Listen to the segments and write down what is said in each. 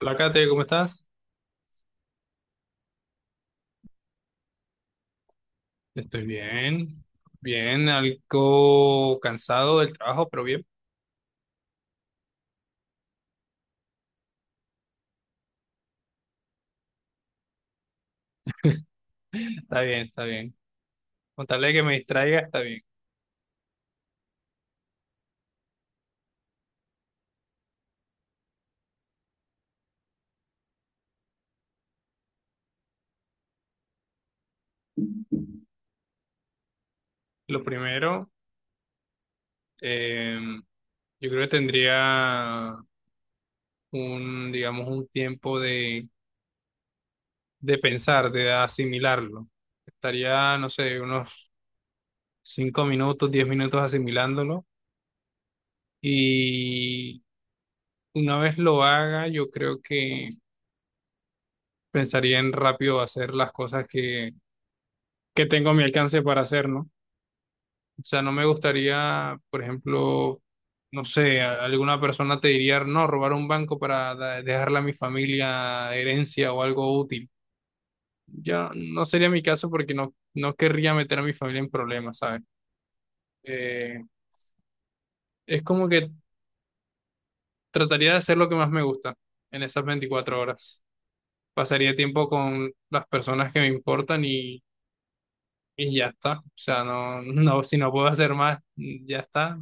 Hola Kate, ¿cómo estás? Estoy bien, bien, algo cansado del trabajo, pero bien, está bien, está bien. Con tal de que me distraiga, está bien. Lo primero, eh, yo creo que tendría un, digamos, un tiempo de pensar, de asimilarlo. Estaría, no sé, unos 5 minutos, 10 minutos asimilándolo y una vez lo haga, yo creo que pensaría en rápido hacer las cosas que tengo a mi alcance para hacer, ¿no? O sea, no me gustaría, por ejemplo, no sé, alguna persona te diría, no, robar un banco para dejarle a mi familia herencia o algo útil. Yo no sería mi caso porque no, no querría meter a mi familia en problemas, ¿sabes? Eh, es como que trataría de hacer lo que más me gusta en esas 24 horas. Pasaría tiempo con las personas que me importan y ya está. O sea, no, no, si no puedo hacer más, ya está.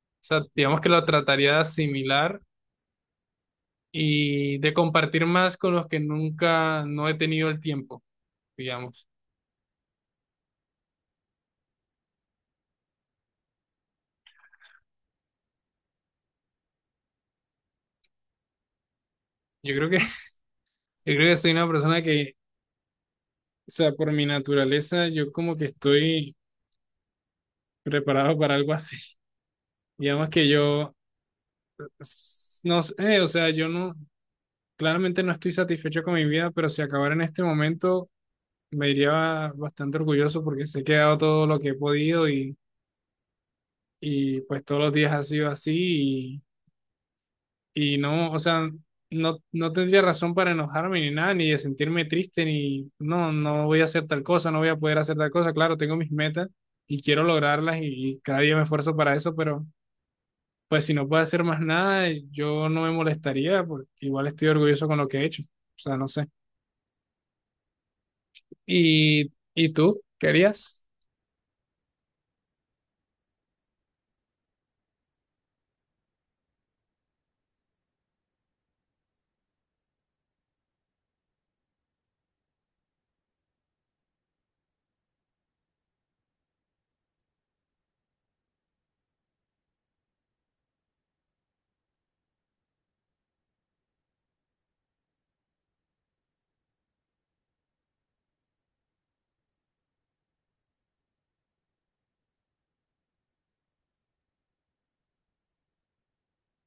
O sea, digamos que lo trataría de asimilar y de compartir más con los que nunca no he tenido el tiempo, digamos. Yo creo que, yo creo que soy una persona que, o sea, por mi naturaleza, yo como que estoy preparado para algo así. Digamos que yo, no sé, o sea, yo no, claramente no estoy satisfecho con mi vida, pero si acabara en este momento, me iría bastante orgulloso porque sé que he dado todo lo que he podido y pues todos los días ha sido así. Y no, o sea, no, no tendría razón para enojarme ni nada, ni de sentirme triste, ni no, no voy a hacer tal cosa, no voy a poder hacer tal cosa. Claro, tengo mis metas y quiero lograrlas y cada día me esfuerzo para eso, pero pues si no puedo hacer más nada, yo no me molestaría porque igual estoy orgulloso con lo que he hecho. O sea, no sé. Y tú? ¿Querías?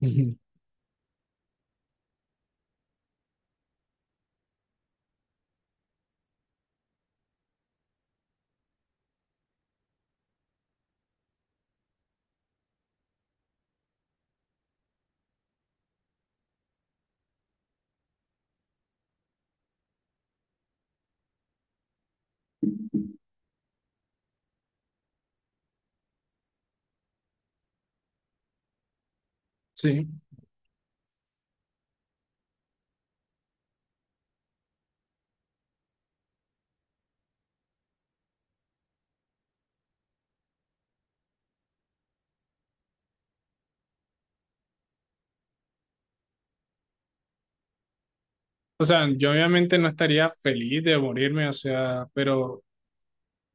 Ujú. Sí. O sea, yo obviamente no estaría feliz de morirme, o sea, pero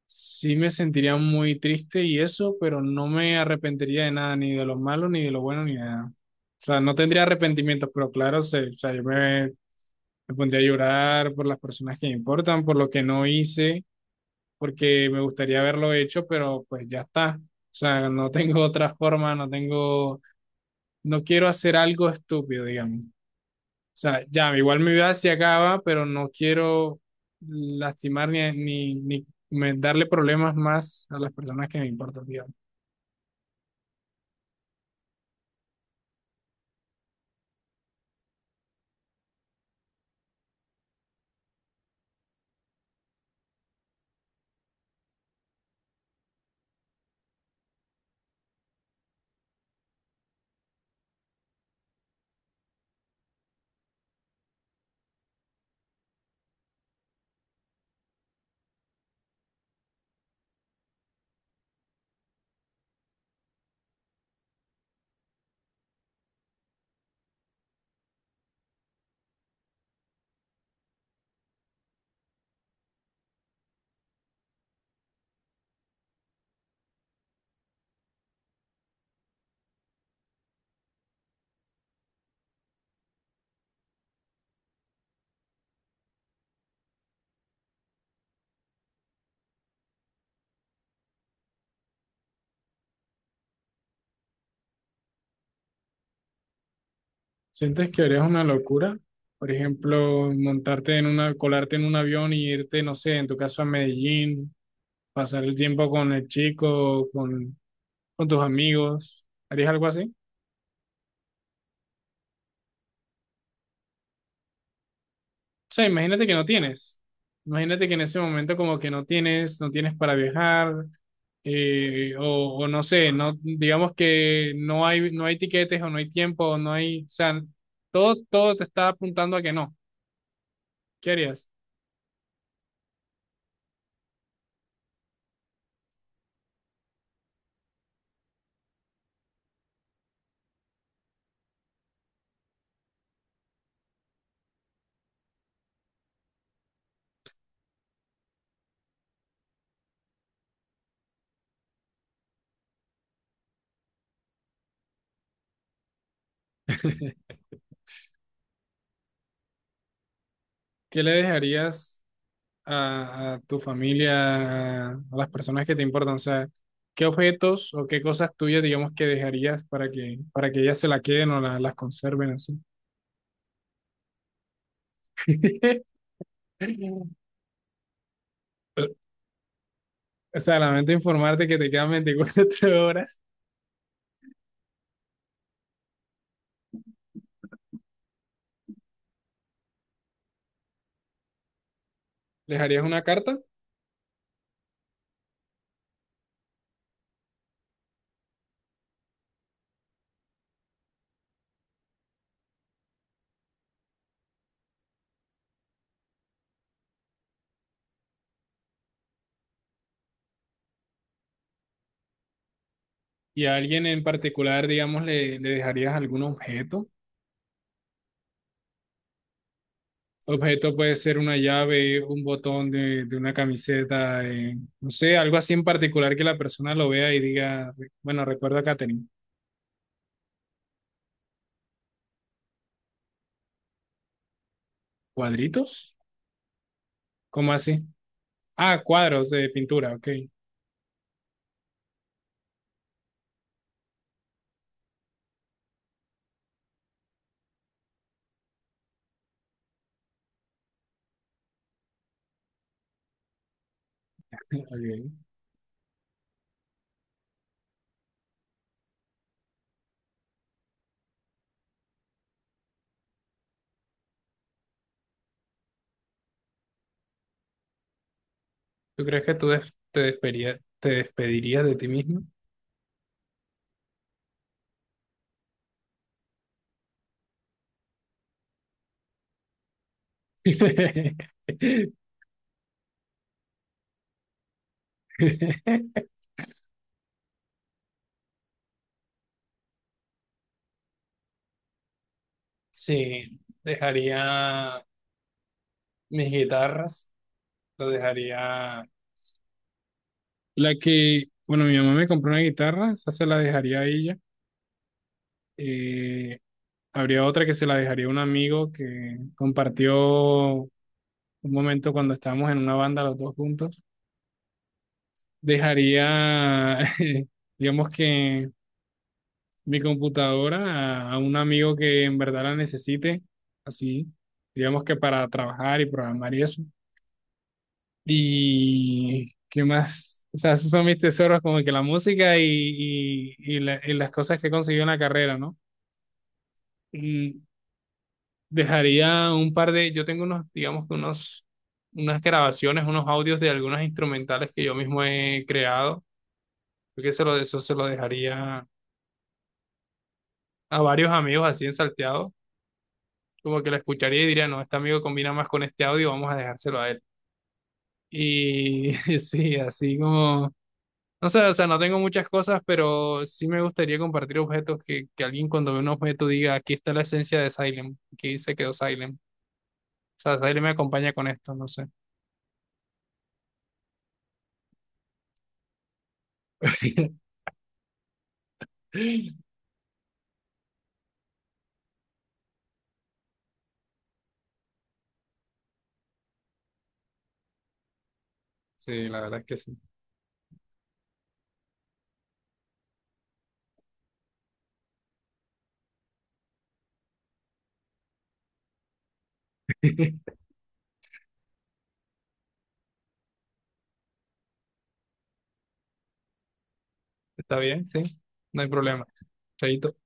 sí me sentiría muy triste y eso, pero no me arrepentiría de nada, ni de lo malo, ni de lo bueno, ni de nada. O sea, no tendría arrepentimientos, pero claro, o sea, yo me pondría a llorar por las personas que me importan, por lo que no hice, porque me gustaría haberlo hecho, pero pues ya está. O sea, no tengo otra forma, no tengo, no quiero hacer algo estúpido, digamos. O sea, ya, igual mi vida se acaba, pero no quiero lastimar ni darle problemas más a las personas que me importan, digamos. ¿Sientes que harías una locura? Por ejemplo, montarte en una, colarte en un avión y irte, no sé, en tu caso a Medellín, pasar el tiempo con el chico, con tus amigos. ¿Harías algo así? O sea, imagínate que no tienes. Imagínate que en ese momento como que no tienes, no tienes para viajar, o, no sé, no, digamos que no hay, no hay tiquetes o no hay tiempo, o no hay, o sea, todo te está apuntando a que no. ¿Qué harías? ¿Qué le dejarías a tu familia, a las personas que te importan? O sea, ¿qué objetos o qué cosas tuyas, digamos, que dejarías para que ellas se la queden o las conserven así? O sea, lamento informarte que te quedan 24 horas. ¿Les harías una carta? Y a alguien en particular, digamos, le dejarías algún objeto. Objeto puede ser una llave, un botón de una camiseta, no sé, algo así en particular que la persona lo vea y diga, bueno, recuerdo a Katherine, ¿cuadritos? ¿Cómo así? Ah, cuadros de pintura, ok. Ok. ¿Tú crees que tú te despedirías de ti mismo? Sí, dejaría mis guitarras, las dejaría... La que, bueno, mi mamá me compró una guitarra, esa se la dejaría a ella. Eh, habría otra que se la dejaría a un amigo que compartió un momento cuando estábamos en una banda los dos juntos. Dejaría, digamos que mi computadora a un amigo que en verdad la necesite, así, digamos que para trabajar y programar y eso. Y qué más, o sea, esos son mis tesoros, como que la música y, y las cosas que he conseguido en la carrera, ¿no? Y dejaría un par de, yo tengo unos, digamos que unos, unas grabaciones, unos audios de algunas instrumentales que yo mismo he creado. Creo que se lo, eso se lo dejaría a varios amigos así en salteado, como que lo escucharía y diría, no, este amigo combina más con este audio, vamos a dejárselo a él. Y sí, así como... No sé, o sea, no tengo muchas cosas, pero sí me gustaría compartir objetos que alguien cuando ve un objeto diga, aquí está la esencia de Silent, aquí se quedó Silent. O sea, Silent me acompaña con esto, no sé. Sí, la verdad es que sí. Está bien, sí, no hay problema. Chaito.